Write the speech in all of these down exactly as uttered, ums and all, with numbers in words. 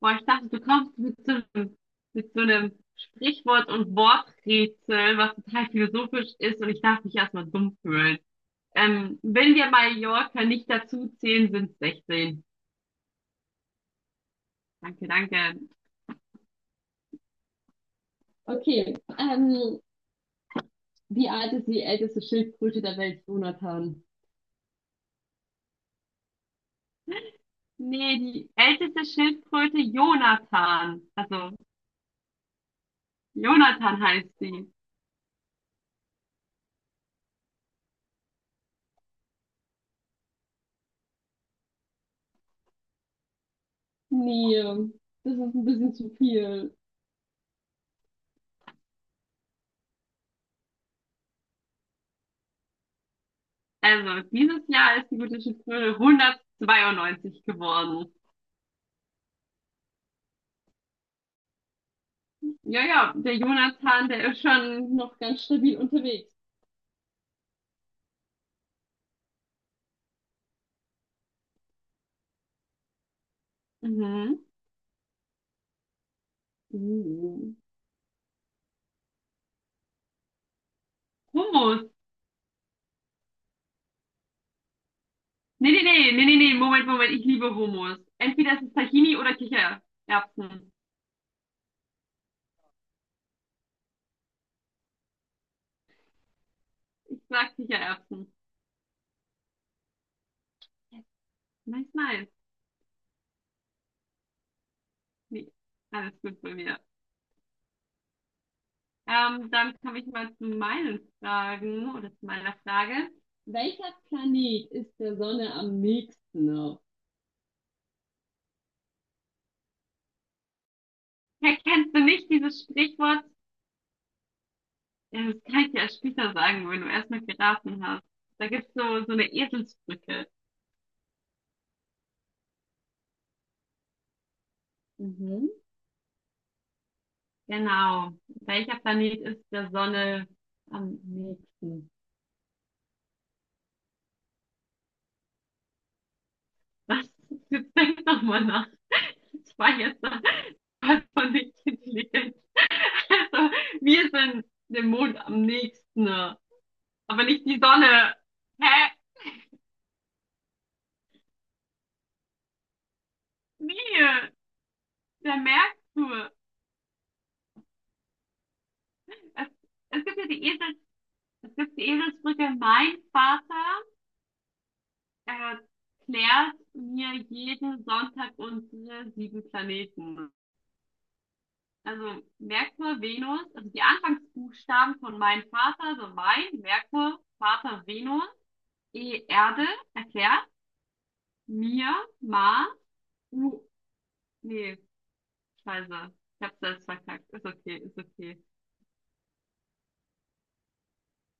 Boah, ich dachte, du kommst mit so einem, mit so einem Sprichwort- und Worträtsel, was total philosophisch ist und ich darf mich erstmal dumm fühlen. Ähm, wenn wir Mallorca nicht dazu zählen, sind es sechzehn. Danke, danke. Okay, ähm, wie alt ist die älteste Schildkröte der Welt, Jonathan? Nee, die älteste Schildkröte Jonathan. Also, Jonathan heißt sie. Nee, das ist ein bisschen zu viel. Also, dieses Jahr ist die gute Schütze hundertzweiundneunzig geworden. Ja, ja, der Jonathan, der ist schon noch ganz stabil unterwegs. Mhm. Uh. Hummus. Nee, nee, nee, nee, nee, nee, Moment, Moment, ich liebe Hummus. Entweder es ist Tahini oder Kichererbsen. Ich sag Kichererbsen. Nice, nice. Nee, alles gut bei mir. Ähm, dann komme ich mal zu meinen Fragen oder zu meiner Frage. Welcher Planet ist der Sonne am nächsten? Ja, kennst du nicht dieses Sprichwort? Ja, das kann ich dir erst später sagen, wenn du erstmal geraten hast. Da gibt's so, so eine Eselsbrücke. Mhm. Genau. Welcher Planet ist der Sonne am nächsten? Was? Jetzt denk doch mal nach. Ich war jetzt da voll von nicht intelligent. Also, wir sind dem Mond am nächsten, aber nicht die Sonne. Hä? Wie? Der Merkur. Es, es gibt ja die Es gibt die Eselsbrücke. Mein Vater erklärt mir jeden Sonntag unsere sieben Planeten. Also Merkur, Venus, also die Anfangsbuchstaben von mein Vater, also mein, Merkur, Vater, Venus, E, Erde, erklärt mir, Mars, U, nee, scheiße, ich hab's selbst verkackt, ist okay, ist okay.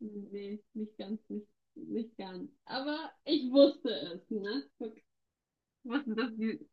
Nee, nicht ganz, nicht, nicht ganz. Aber ich wusste es, ne? Ich wusste, dass die...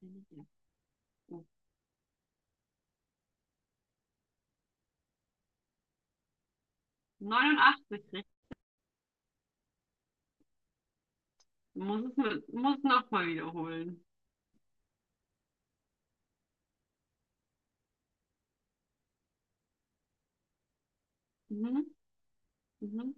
Ja. neunundachtzig richtig. Muss es, mit- muss nochmal wiederholen. Mhm, mhm.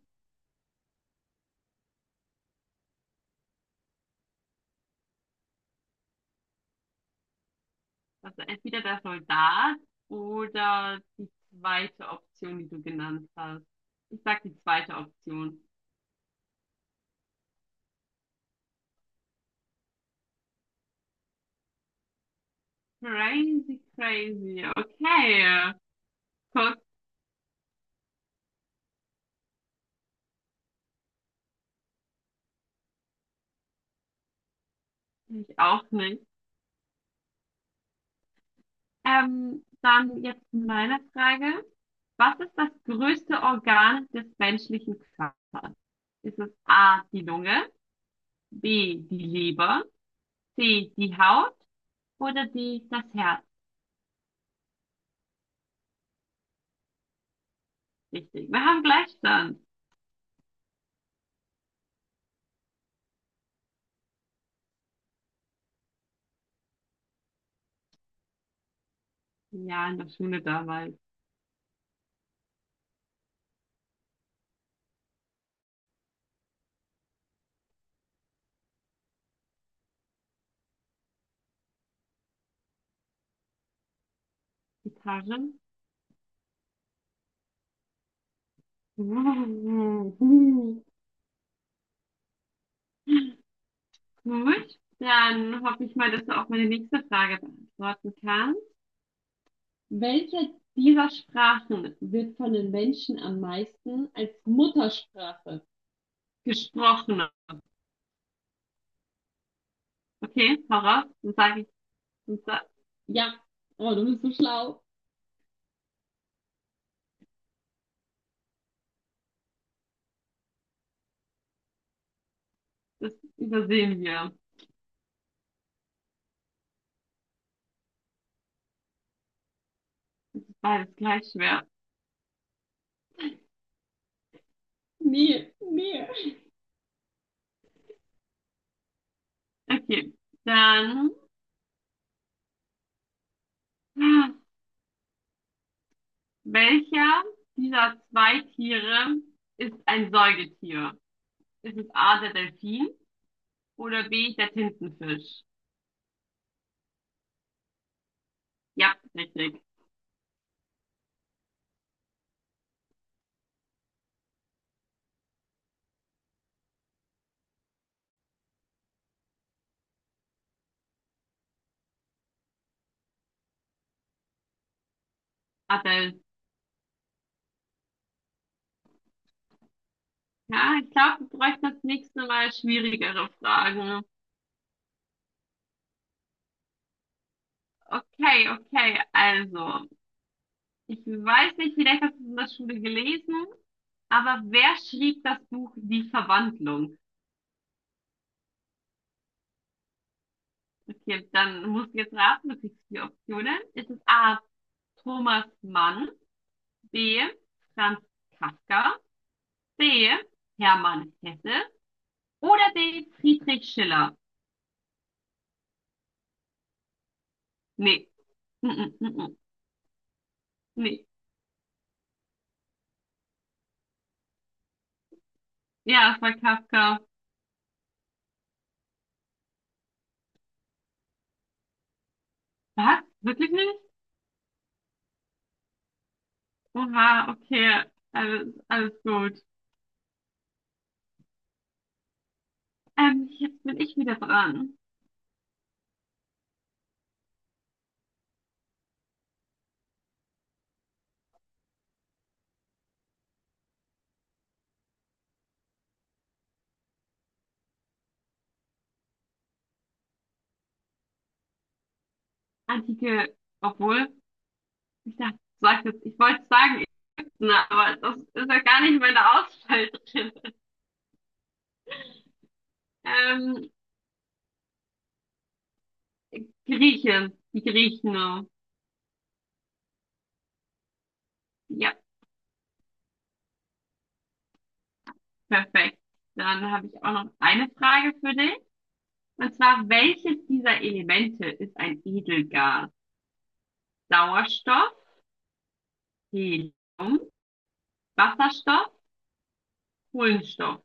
Also entweder der Soldat oder die zweite Option, die du genannt hast. Ich sag die zweite Option. Crazy, crazy. Okay. Guck, ich auch nicht. Ähm, dann jetzt meine Frage. Was ist das größte Organ des menschlichen Körpers? Ist es A, die Lunge, B, die Leber, Die, die Haut oder die, das Herz? Richtig. Wir haben Gleichstand. Ja, in der Schule damals. Gitarren. Gut. Dann hoffe ich mal, dass du auch meine nächste Frage beantworten kannst. Welche dieser Sprachen wird von den Menschen am meisten als Muttersprache gesprochen? Okay, hau raus. Dann sage ich, dann sa- ja, oh, du bist so schlau. Das übersehen wir. Beides gleich schwer. Nee, nee. Okay, dann ah, welcher dieser zwei Tiere ist ein Säugetier? Ist es A, der Delfin oder B, der Tintenfisch? Ja, richtig. Adel. Ja, ich glaube, wir bräuchten das nächste Mal schwierigere Fragen. Okay, okay, also, ich weiß nicht, vielleicht hast du es in der Schule gelesen, aber wer schrieb das Buch Die Verwandlung? Okay, dann musst du jetzt raten, du kriegst vier Optionen. Ist es A. Thomas Mann, B. Franz Kafka, C. Hermann Hesse oder D. Friedrich Schiller? Nee. Mm -mm, mm -mm. Nee. Ja, es war Kafka. Was? Wirklich nicht? Oha, okay. Alles, alles gut. Ähm, jetzt bin ich wieder dran. Antike, obwohl, ich dachte, ich sag jetzt, ich wollte sagen, Ibsen, aber das ist ja gar nicht meine Auswahl drin. Ähm, Grieche, die Griechen. Oh. Ja, perfekt. Dann habe ich auch noch eine Frage für dich. Und zwar, welches dieser Elemente ist ein Edelgas? Sauerstoff, Helium, Wasserstoff, Kohlenstoff.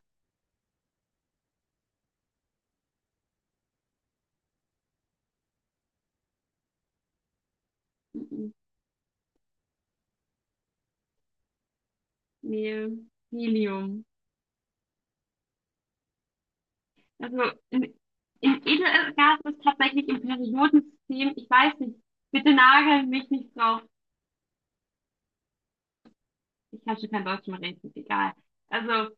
Mhm. Nee, Helium. Also im, im Edelgas ist tatsächlich im Periodensystem, ich weiß nicht, bitte nagel mich nicht drauf. Ich kann schon kein Deutsch mehr reden, egal. Also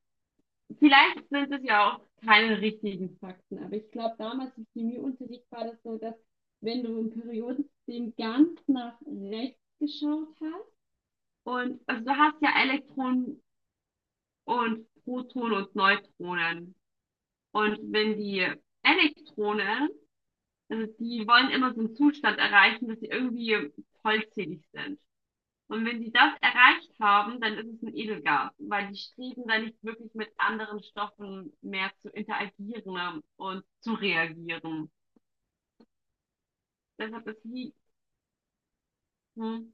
vielleicht sind es ja auch keine richtigen Fakten, aber ich glaube, damals im Chemieunterricht war das so, dass wenn du im Periodensystem ganz nach rechts geschaut hast und also du hast ja Elektronen und Protonen und Neutronen. Und wenn die Elektronen, also die wollen immer so einen Zustand erreichen, dass sie irgendwie vollzählig sind. Und wenn die das erreicht haben, dann ist es ein Edelgas, weil die Streben dann nicht wirklich mit anderen Stoffen mehr zu interagieren und zu reagieren. Deshalb ist Helium